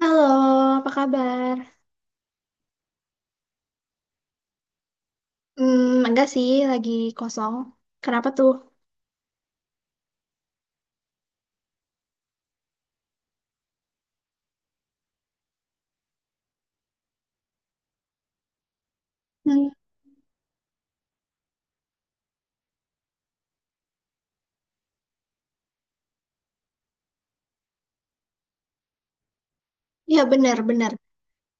Halo, apa kabar? Enggak sih, lagi kosong. Kenapa tuh? Hmm, Ya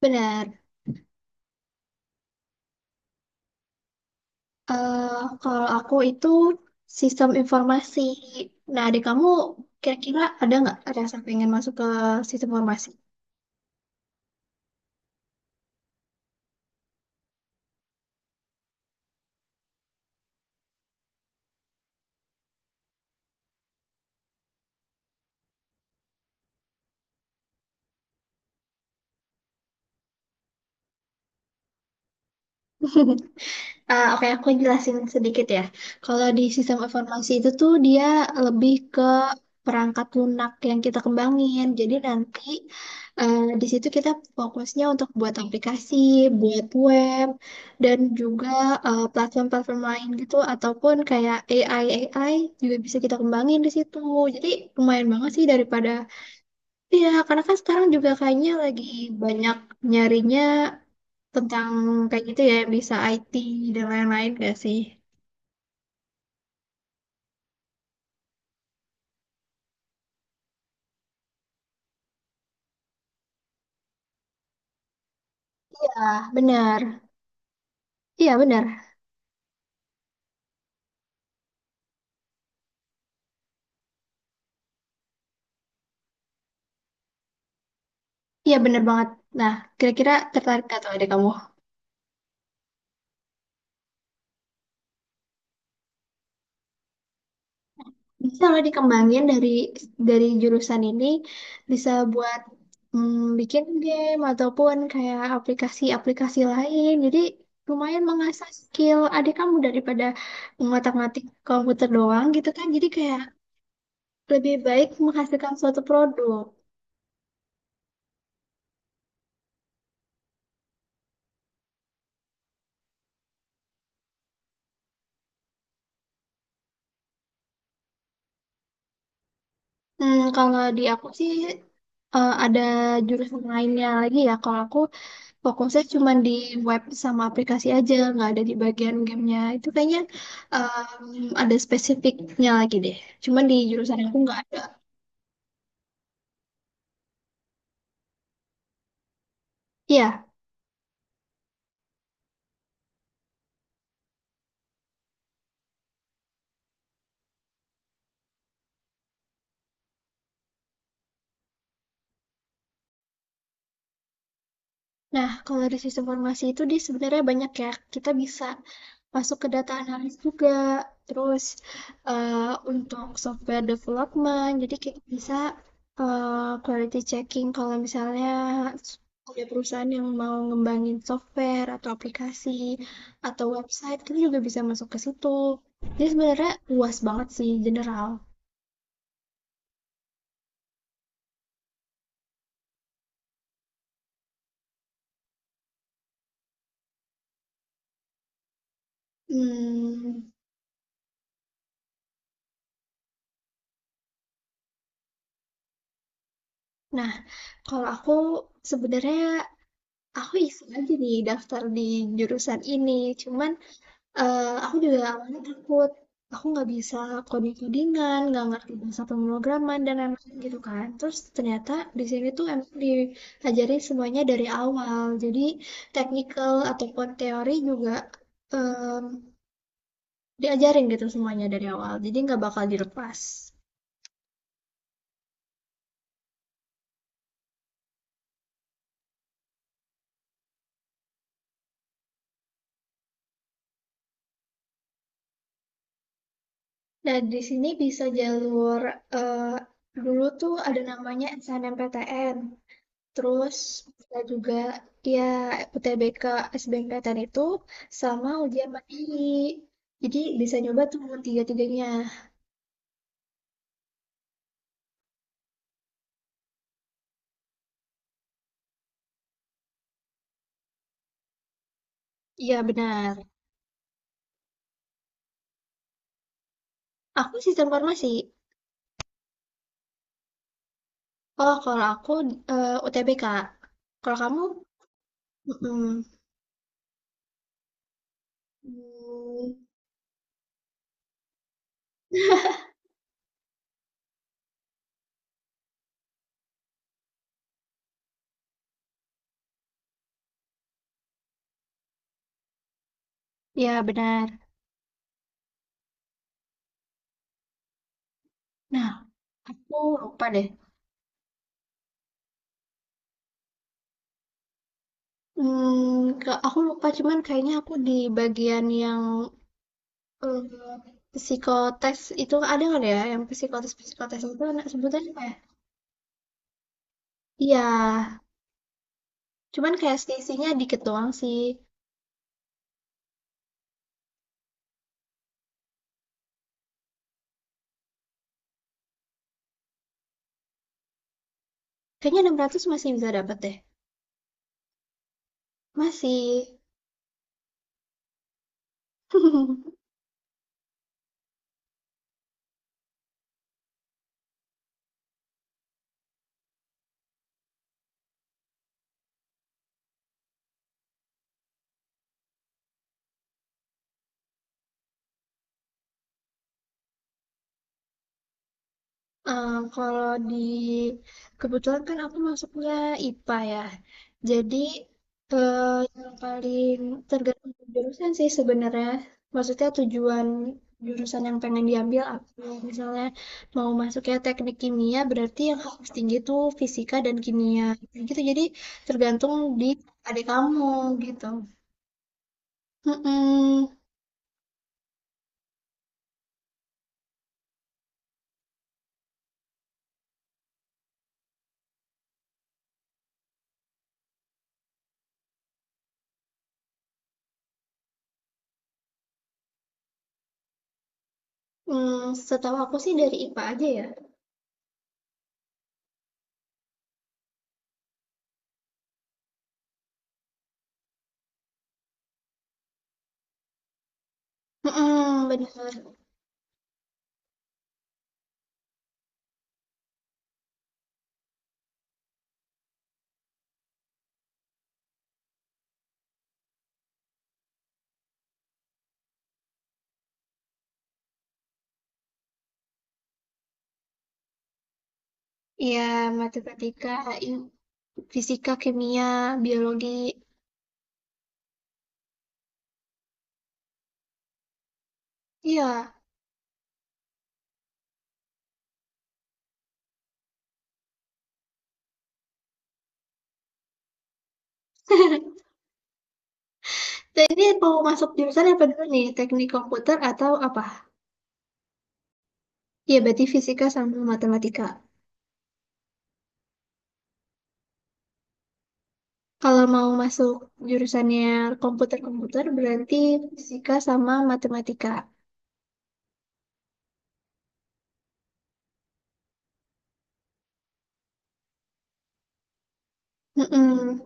benar. Kalau aku itu sistem informasi. Nah, adik kamu kira-kira ada nggak rasa pengen masuk ke sistem informasi? Oke, aku jelasin sedikit ya. Kalau di sistem informasi itu tuh dia lebih ke perangkat lunak yang kita kembangin. Jadi nanti di situ kita fokusnya untuk buat aplikasi, buat web, dan juga platform-platform lain gitu, ataupun kayak AI AI juga bisa kita kembangin di situ. Jadi lumayan banget sih daripada ya karena kan sekarang juga kayaknya lagi banyak nyarinya tentang kayak gitu ya bisa IT dan lain-lain gak sih? Ah, benar. Iya, benar. Iya, benar banget. Nah, kira-kira tertarik gak tuh adik kamu? Bisa loh dikembangin dari jurusan ini bisa buat bikin game ataupun kayak aplikasi-aplikasi lain. Jadi lumayan mengasah skill adik kamu daripada ngotak-ngatik komputer doang gitu kan. Jadi kayak lebih baik menghasilkan suatu produk. Kalau di aku sih ada jurusan lainnya lagi ya. Kalau aku fokusnya cuma di web sama aplikasi aja, nggak ada di bagian gamenya. Itu kayaknya ada spesifiknya lagi deh. Cuman di jurusan aku nggak ada. Iya. Nah, kalau dari sistem informasi itu dia sebenarnya banyak ya. Kita bisa masuk ke data analis juga terus eh, untuk software development jadi kita bisa quality checking kalau misalnya ada perusahaan yang mau ngembangin software atau aplikasi atau website kita juga bisa masuk ke situ jadi sebenarnya luas banget sih general. Hmm, nah kalau aku sebenarnya aku iseng aja nih daftar di jurusan ini cuman aku juga awalnya takut, aku nggak bisa coding codingan nggak ngerti bahasa pemrograman dan lain-lain gitu kan. Terus ternyata di sini tuh emang diajari semuanya dari awal, jadi technical ataupun teori juga, mmm, diajarin gitu semuanya dari awal, jadi nggak bakal dilepas. Nah di sini bisa jalur, eee, dulu tuh ada namanya SNMPTN. Terus bisa juga ya UTBK, SBMPTN itu sama ujian mandiri. Jadi bisa nyoba tuh tiga-tiganya. Iya benar. Aku sistem farmasi. Oh kalau aku UTBK. Kalau kamu, mm ya benar. Nah aku lupa deh. Aku lupa cuman kayaknya aku di bagian yang Eee, psikotes itu ada nggak ya, yang psikotes-psikotes itu na sebutannya apa ya? Iya, cuman kayak selisihnya dikit doang sih. Kayaknya 600 masih bisa dapat deh, masih. Kalau di kebetulan kan aku masuknya IPA ya. Jadi, eee, yang paling tergantung jurusan sih sebenarnya. Maksudnya tujuan jurusan yang pengen diambil aku. Misalnya mau masuknya teknik kimia, berarti yang harus tinggi tuh fisika dan kimia, gitu. Jadi tergantung di adik kamu gitu. Mhm, mmm, setahu aku sih dari IPA aja ya. Mhm, benar. Iya, matematika, fisika, kimia, biologi. Iya. Dan ini mau masuk jurusan apa dulu nih? Teknik komputer atau apa? Iya, berarti fisika sama matematika. Kalau mau masuk jurusannya komputer-komputer, berarti fisika sama matematika. Mm-mm.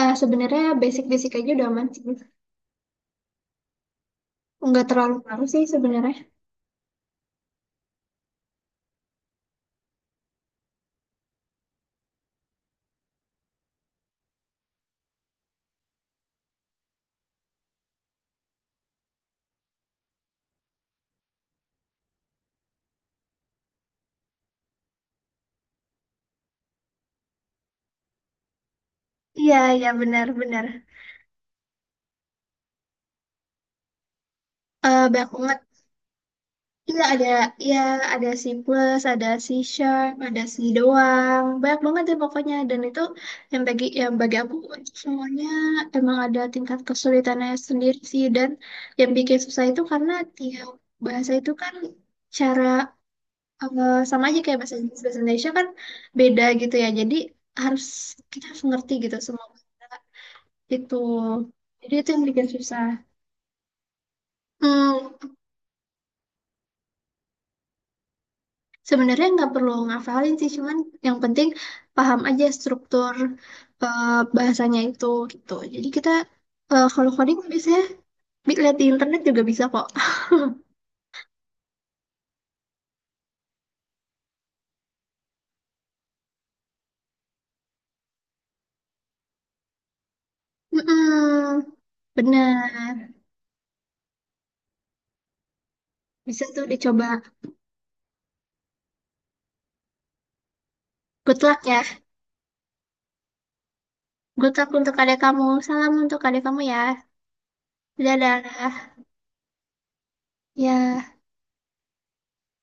Sebenarnya basic-basic aja udah aman sih. Nggak terlalu ngaruh sih sebenarnya. Iya, iya benar-benar. Eh banyak banget. Iya ada ya ada C plus, ada C sharp, ada C doang. Banyak banget deh pokoknya dan itu yang bagi aku semuanya emang ada tingkat kesulitannya sendiri sih dan yang bikin susah itu karena tiap bahasa itu kan cara sama aja kayak bahasa Inggris bahasa Indonesia kan beda gitu ya. Jadi harus kita harus ngerti gitu semua bahasa itu. Jadi itu yang bikin susah. Hmm. Sebenarnya nggak perlu ngafalin sih, cuman yang penting paham aja struktur eh, bahasanya itu gitu. Jadi kita kalau coding biasanya lihat di internet juga bisa kok. Mm-mm, benar. Bisa tuh dicoba. Good luck ya. Good luck untuk adik kamu. Salam untuk adik kamu ya. Dadah. Ya.